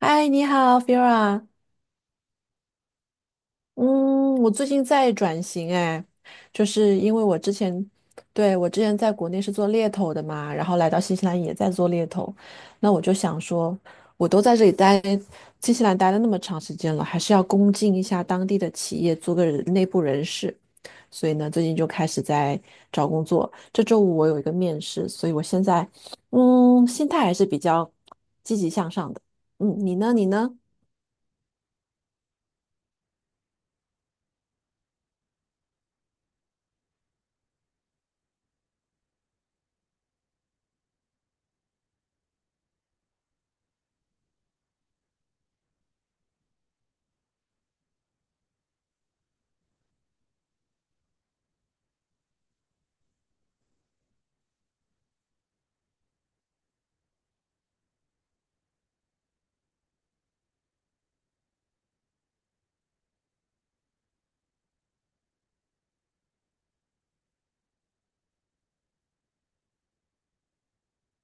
嗨，你好，Fira。嗯，我最近在转型，哎，就是因为我之前，对，我之前在国内是做猎头的嘛，然后来到新西兰也在做猎头，那我就想说，我都在这里待，新西兰待了那么长时间了，还是要恭敬一下当地的企业，做个人内部人士。所以呢，最近就开始在找工作。这周五我有一个面试，所以我现在，心态还是比较积极向上的。你呢？你呢？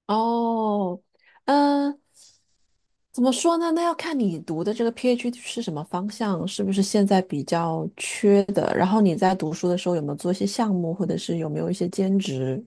哦，嗯，怎么说呢？那要看你读的这个 PhD 是什么方向，是不是现在比较缺的？然后你在读书的时候有没有做一些项目，或者是有没有一些兼职？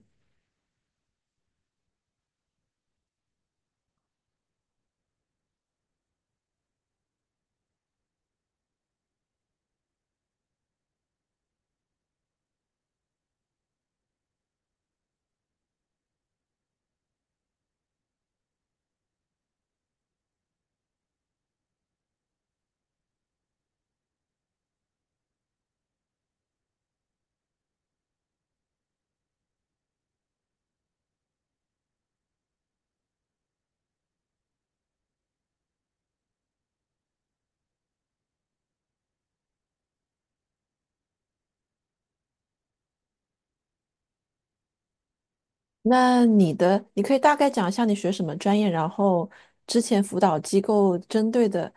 那你的，你可以大概讲一下你学什么专业，然后之前辅导机构针对的，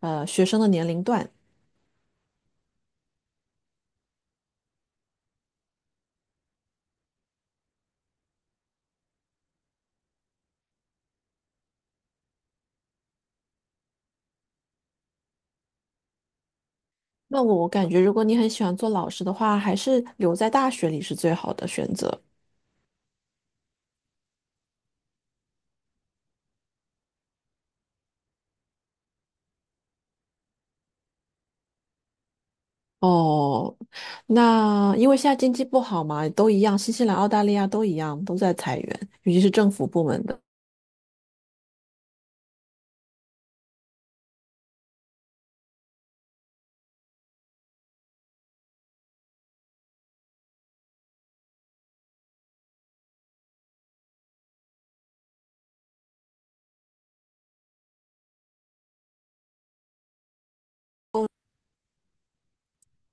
学生的年龄段。那我感觉，如果你很喜欢做老师的话，还是留在大学里是最好的选择。哦，那因为现在经济不好嘛，都一样，新西兰、澳大利亚都一样，都在裁员，尤其是政府部门的。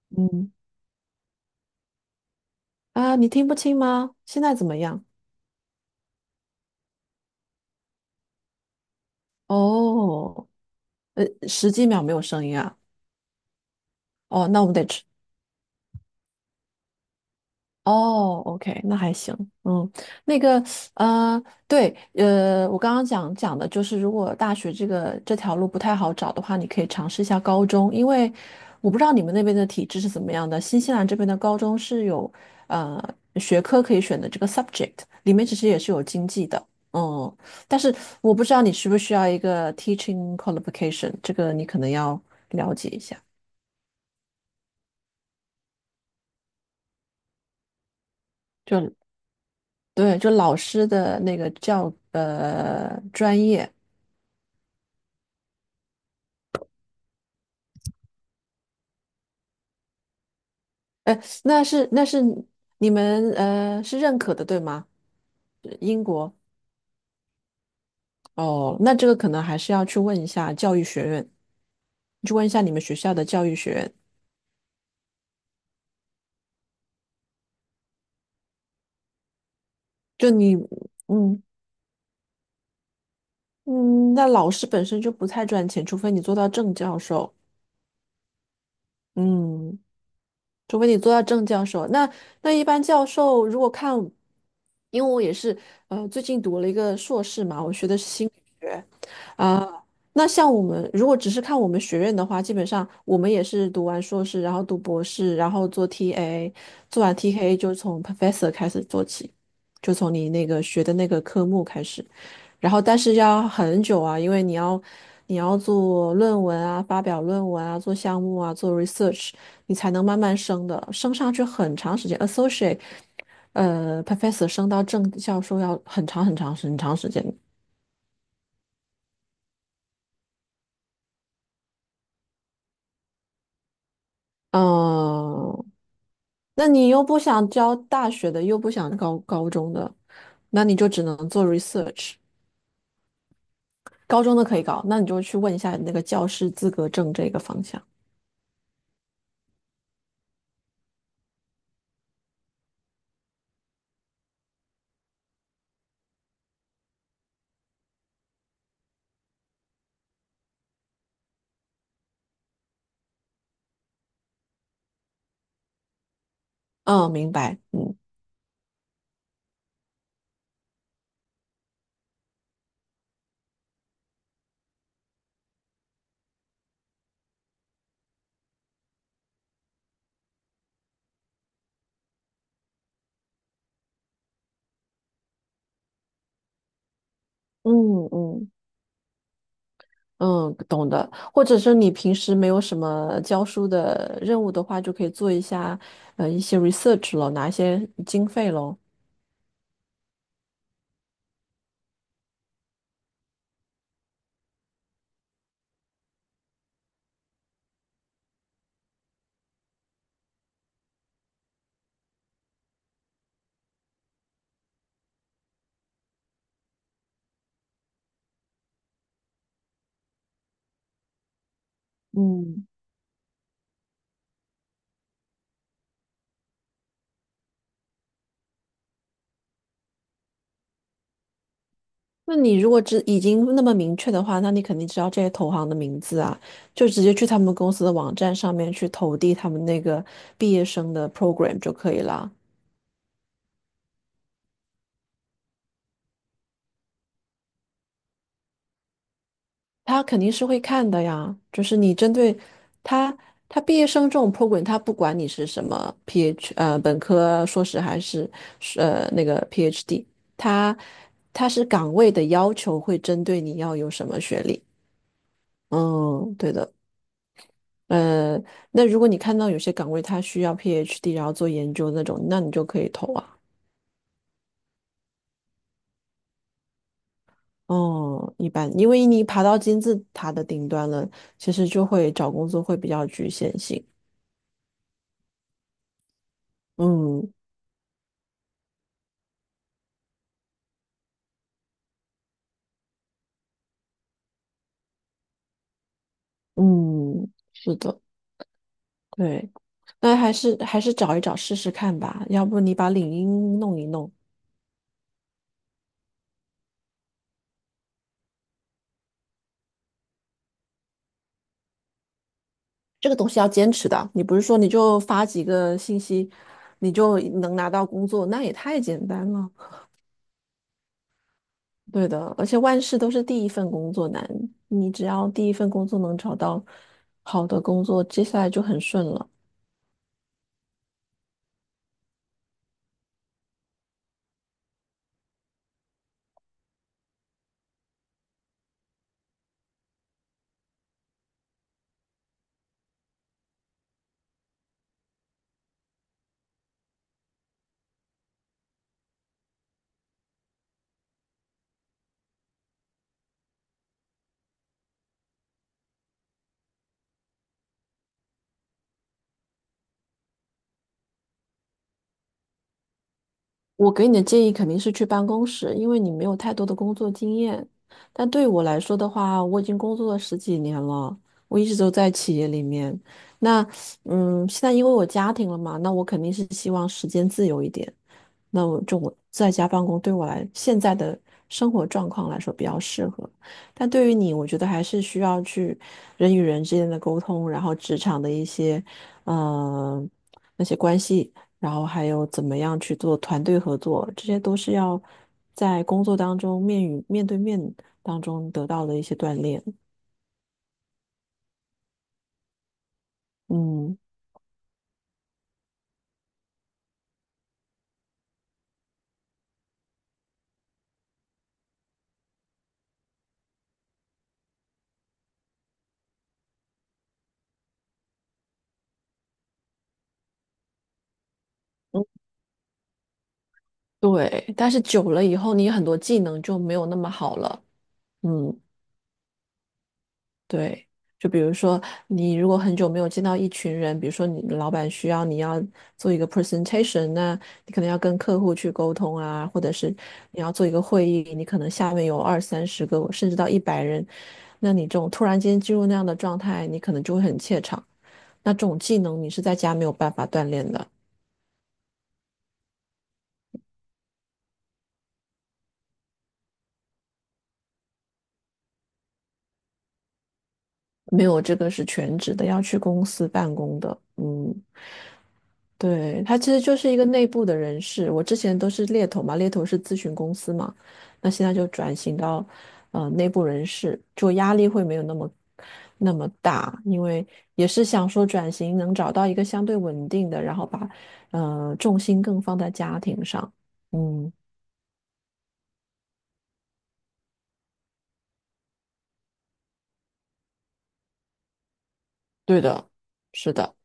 嗯你听不清吗？现在怎么样？哦，十几秒没有声音啊。哦，那我们得吃。哦，OK，那还行，嗯，那个，对，我刚刚讲讲的就是，如果大学这条路不太好找的话，你可以尝试一下高中，因为我不知道你们那边的体制是怎么样的，新西兰这边的高中是有呃学科可以选的这个 subject，里面其实也是有经济的，嗯，但是我不知道你需不需要一个 teaching qualification，这个你可能要了解一下。就对，就老师的那个教专业。哎，那是你们是认可的，对吗？英国哦，那这个可能还是要去问一下教育学院，去问一下你们学校的教育学院。就你，嗯嗯，那老师本身就不太赚钱，除非你做到正教授，嗯，除非你做到正教授。那一般教授如果看，因为我也是最近读了一个硕士嘛，我学的是心理学。啊，那像我们如果只是看我们学院的话，基本上我们也是读完硕士，然后读博士，然后做 TA，做完 TA 就从 professor 开始做起，就从你那个学的那个科目开始，然后但是要很久啊，因为你要做论文啊，发表论文啊，做项目啊，做 research，你才能慢慢升的，升上去很长时间，associate，professor 升到正教授要很长很长很长时间。嗯，那你又不想教大学的，又不想高中的，那你就只能做 research。高中的可以搞，那你就去问一下那个教师资格证这个方向。嗯，明白。嗯嗯。嗯，懂的。或者是你平时没有什么教书的任务的话，就可以做一下一些 research 咯，拿一些经费咯。嗯，那你如果知已经那么明确的话，那你肯定知道这些投行的名字啊，就直接去他们公司的网站上面去投递他们那个毕业生的 program 就可以了。他肯定是会看的呀，就是你针对他，他毕业生这种 program，他不管你是什么 本科、硕士还是那个 PhD，他他是岗位的要求会针对你要有什么学历。嗯，对的。呃，那如果你看到有些岗位他需要 PhD，然后做研究那种，那你就可以投啊。哦，一般，因为你爬到金字塔的顶端了，其实就会找工作会比较局限性。嗯。嗯，是的，对，那还是找一找试试看吧，要不你把领英弄一弄，这个东西要坚持的，你不是说你就发几个信息，你就能拿到工作，那也太简单了。对的，而且万事都是第一份工作难，你只要第一份工作能找到好的工作，接下来就很顺了。我给你的建议肯定是去办公室，因为你没有太多的工作经验。但对我来说的话，我已经工作了十几年了，我一直都在企业里面。那，现在因为我家庭了嘛，那我肯定是希望时间自由一点。那我就我在家办公，对我来现在的生活状况来说比较适合。但对于你，我觉得还是需要去人与人之间的沟通，然后职场的一些，嗯，那些关系。然后还有怎么样去做团队合作，这些都是要在工作当中面与面对面当中得到的一些锻炼。嗯，对，但是久了以后，你很多技能就没有那么好了。嗯，对，就比如说，你如果很久没有见到一群人，比如说你的老板需要你要做一个 presentation，那你可能要跟客户去沟通啊，或者是你要做一个会议，你可能下面有二三十个，甚至到100人，那你这种突然间进入那样的状态，你可能就会很怯场。那这种技能你是在家没有办法锻炼的，没有这个是全职的，要去公司办公的，嗯，对，他其实就是一个内部的人事。我之前都是猎头嘛，猎头是咨询公司嘛，那现在就转型到内部人事，就压力会没有那么那么大，因为也是想说转型能找到一个相对稳定的，然后把重心更放在家庭上。嗯，对的，是的。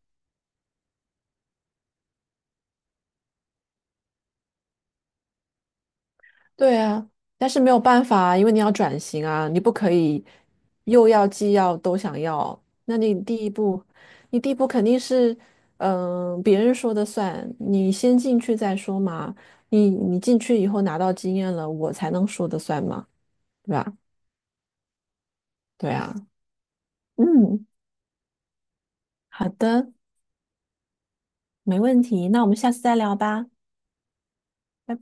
对啊，但是没有办法啊，因为你要转型啊，你不可以又要既要都想要。那你第一步，你第一步肯定是，别人说的算，你先进去再说嘛。你进去以后拿到经验了，我才能说的算嘛，对吧？对啊，嗯，好的，没问题，那我们下次再聊吧，拜拜。